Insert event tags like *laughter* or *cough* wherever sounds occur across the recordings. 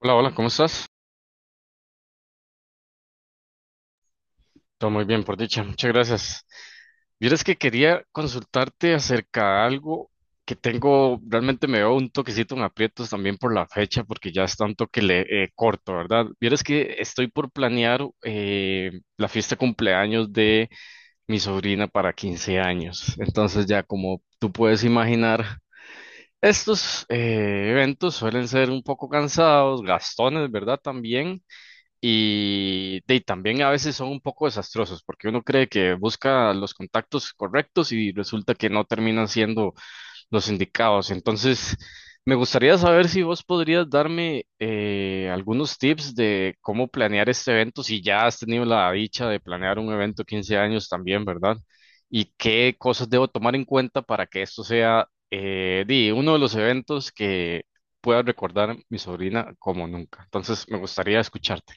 Hola, hola, ¿cómo estás? Todo muy bien, por dicha. Muchas gracias. Vieras que quería consultarte acerca de algo que tengo, realmente me veo un toquecito en aprietos también por la fecha, porque ya está un toque corto, ¿verdad? Vieras que estoy por planear la fiesta de cumpleaños de mi sobrina para 15 años. Entonces ya como tú puedes imaginar, estos eventos suelen ser un poco cansados, gastones, ¿verdad? También. Y también a veces son un poco desastrosos porque uno cree que busca los contactos correctos y resulta que no terminan siendo los indicados. Entonces, me gustaría saber si vos podrías darme algunos tips de cómo planear este evento, si ya has tenido la dicha de planear un evento 15 años también, ¿verdad? Y qué cosas debo tomar en cuenta para que esto sea uno de los eventos que pueda recordar mi sobrina como nunca. Entonces, me gustaría escucharte.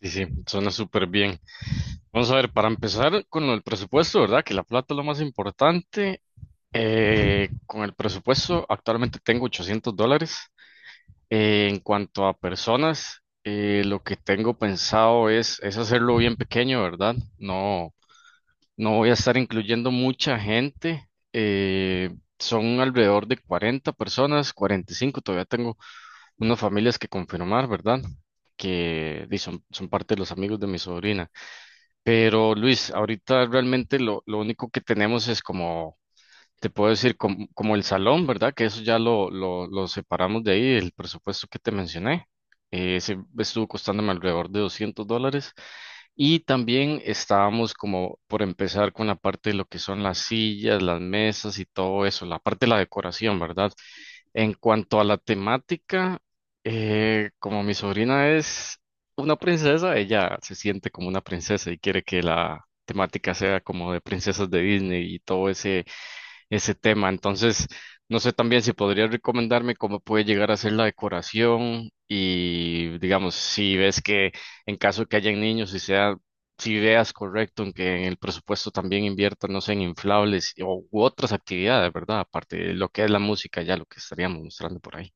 Sí, sí, suena súper bien. Vamos a ver, para empezar con el presupuesto, ¿verdad? Que la plata es lo más importante. Con el presupuesto, actualmente tengo 800 dólares. En cuanto a personas, lo que tengo pensado es hacerlo bien pequeño, ¿verdad? No, no voy a estar incluyendo mucha gente. Son alrededor de 40 personas, 45. Todavía tengo unas familias que confirmar, ¿verdad? Que di, son parte de los amigos de mi sobrina. Pero Luis, ahorita realmente lo único que tenemos es como, te puedo decir, como el salón, ¿verdad? Que eso ya lo separamos de ahí, el presupuesto que te mencioné. Ese estuvo costándome alrededor de 200 dólares. Y también estábamos como por empezar con la parte de lo que son las sillas, las mesas y todo eso, la parte de la decoración, ¿verdad? En cuanto a la temática, como mi sobrina es una princesa, ella se siente como una princesa y quiere que la temática sea como de princesas de Disney y todo ese tema. Entonces, no sé también si podrías recomendarme cómo puede llegar a ser la decoración y, digamos, si ves que en caso que hayan niños, si veas correcto en que en el presupuesto también inviertan, no sé, en inflables u otras actividades, ¿verdad? Aparte de lo que es la música, ya lo que estaríamos mostrando por ahí.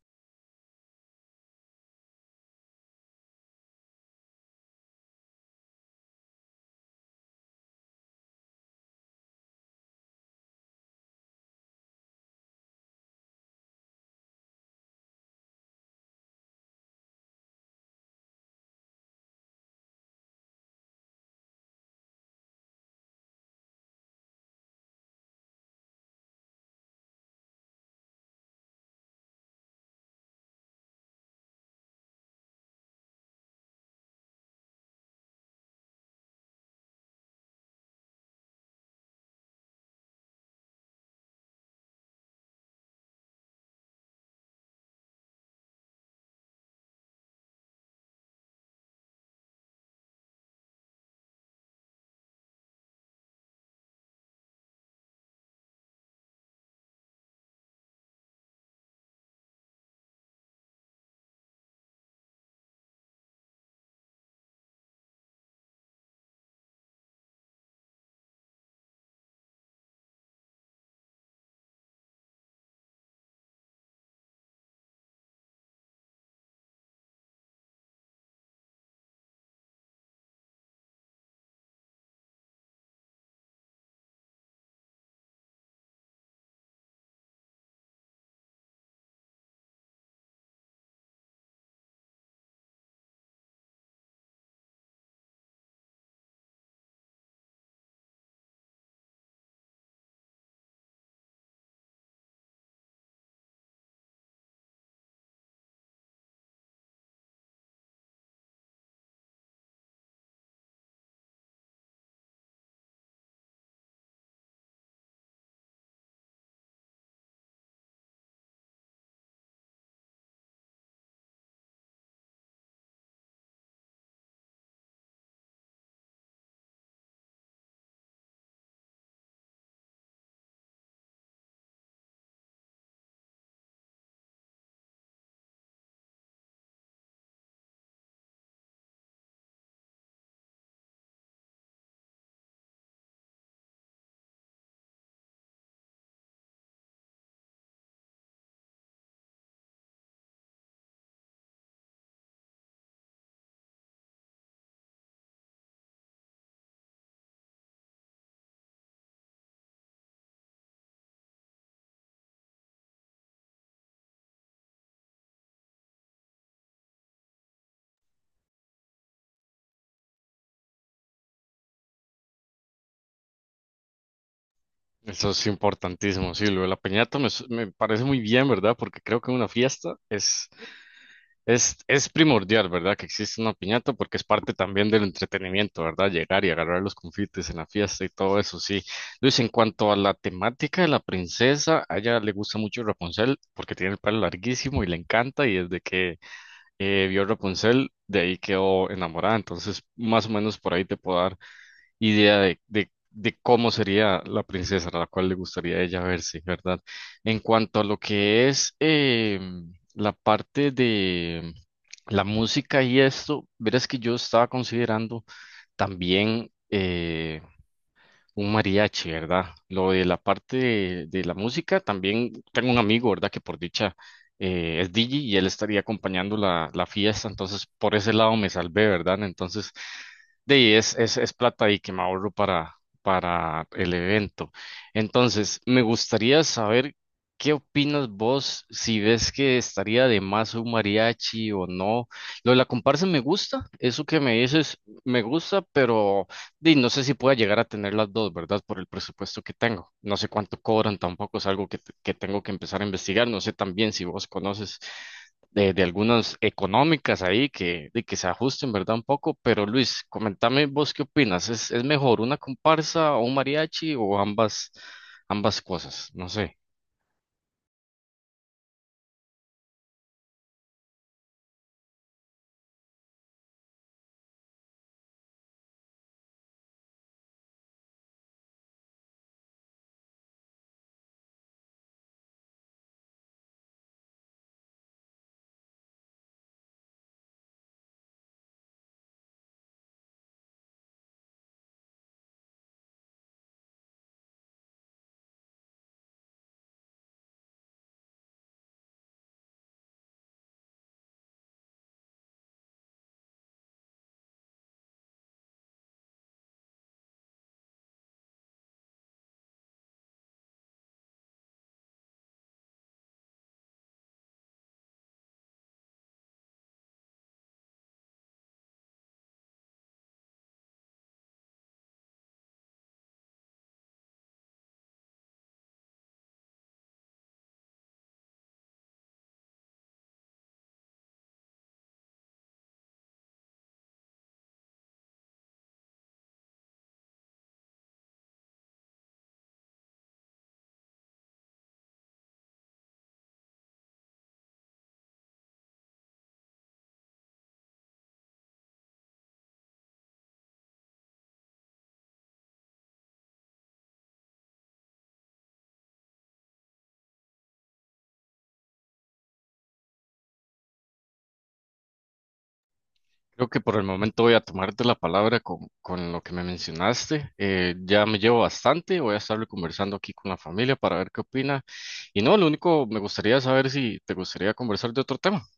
Eso *laughs* es importantísimo, sí, lo de la piñata me parece muy bien, ¿verdad? Porque creo que una fiesta es es primordial, ¿verdad? Que existe una piñata porque es parte también del entretenimiento, ¿verdad? Llegar y agarrar los confites en la fiesta y todo eso, sí. Luis, en cuanto a la temática de la princesa, a ella le gusta mucho Rapunzel porque tiene el pelo larguísimo y le encanta y desde que vio Rapunzel, de ahí quedó enamorada. Entonces, más o menos por ahí te puedo dar idea de cómo sería la princesa a la cual le gustaría a ella verse, ¿verdad? En cuanto a lo que es la parte de la música y esto, verás que yo estaba considerando también un mariachi, ¿verdad? Lo de la parte de la música, también tengo un amigo, ¿verdad? Que por dicha es DJ y él estaría acompañando la fiesta, entonces por ese lado me salvé, ¿verdad? Entonces de ahí es plata y que me ahorro para el evento. Entonces, me gustaría saber qué opinas vos, si ves que estaría de más un mariachi o no. Lo de la comparsa me gusta, eso que me dices me gusta, pero di, no sé si pueda llegar a tener las dos, ¿verdad? Por el presupuesto que tengo. No sé cuánto cobran, tampoco es algo que tengo que empezar a investigar. No sé también si vos conoces de algunas económicas ahí que, de que se ajusten, ¿verdad? Un poco, pero Luis, comentame vos qué opinas, ¿ es mejor una comparsa o un mariachi o ambas, ambas cosas? No sé, creo que por el momento voy a tomarte la palabra con lo que me mencionaste, ya me llevo bastante, voy a estarlo conversando aquí con la familia para ver qué opina, y no, lo único, me gustaría saber si te gustaría conversar de otro tema.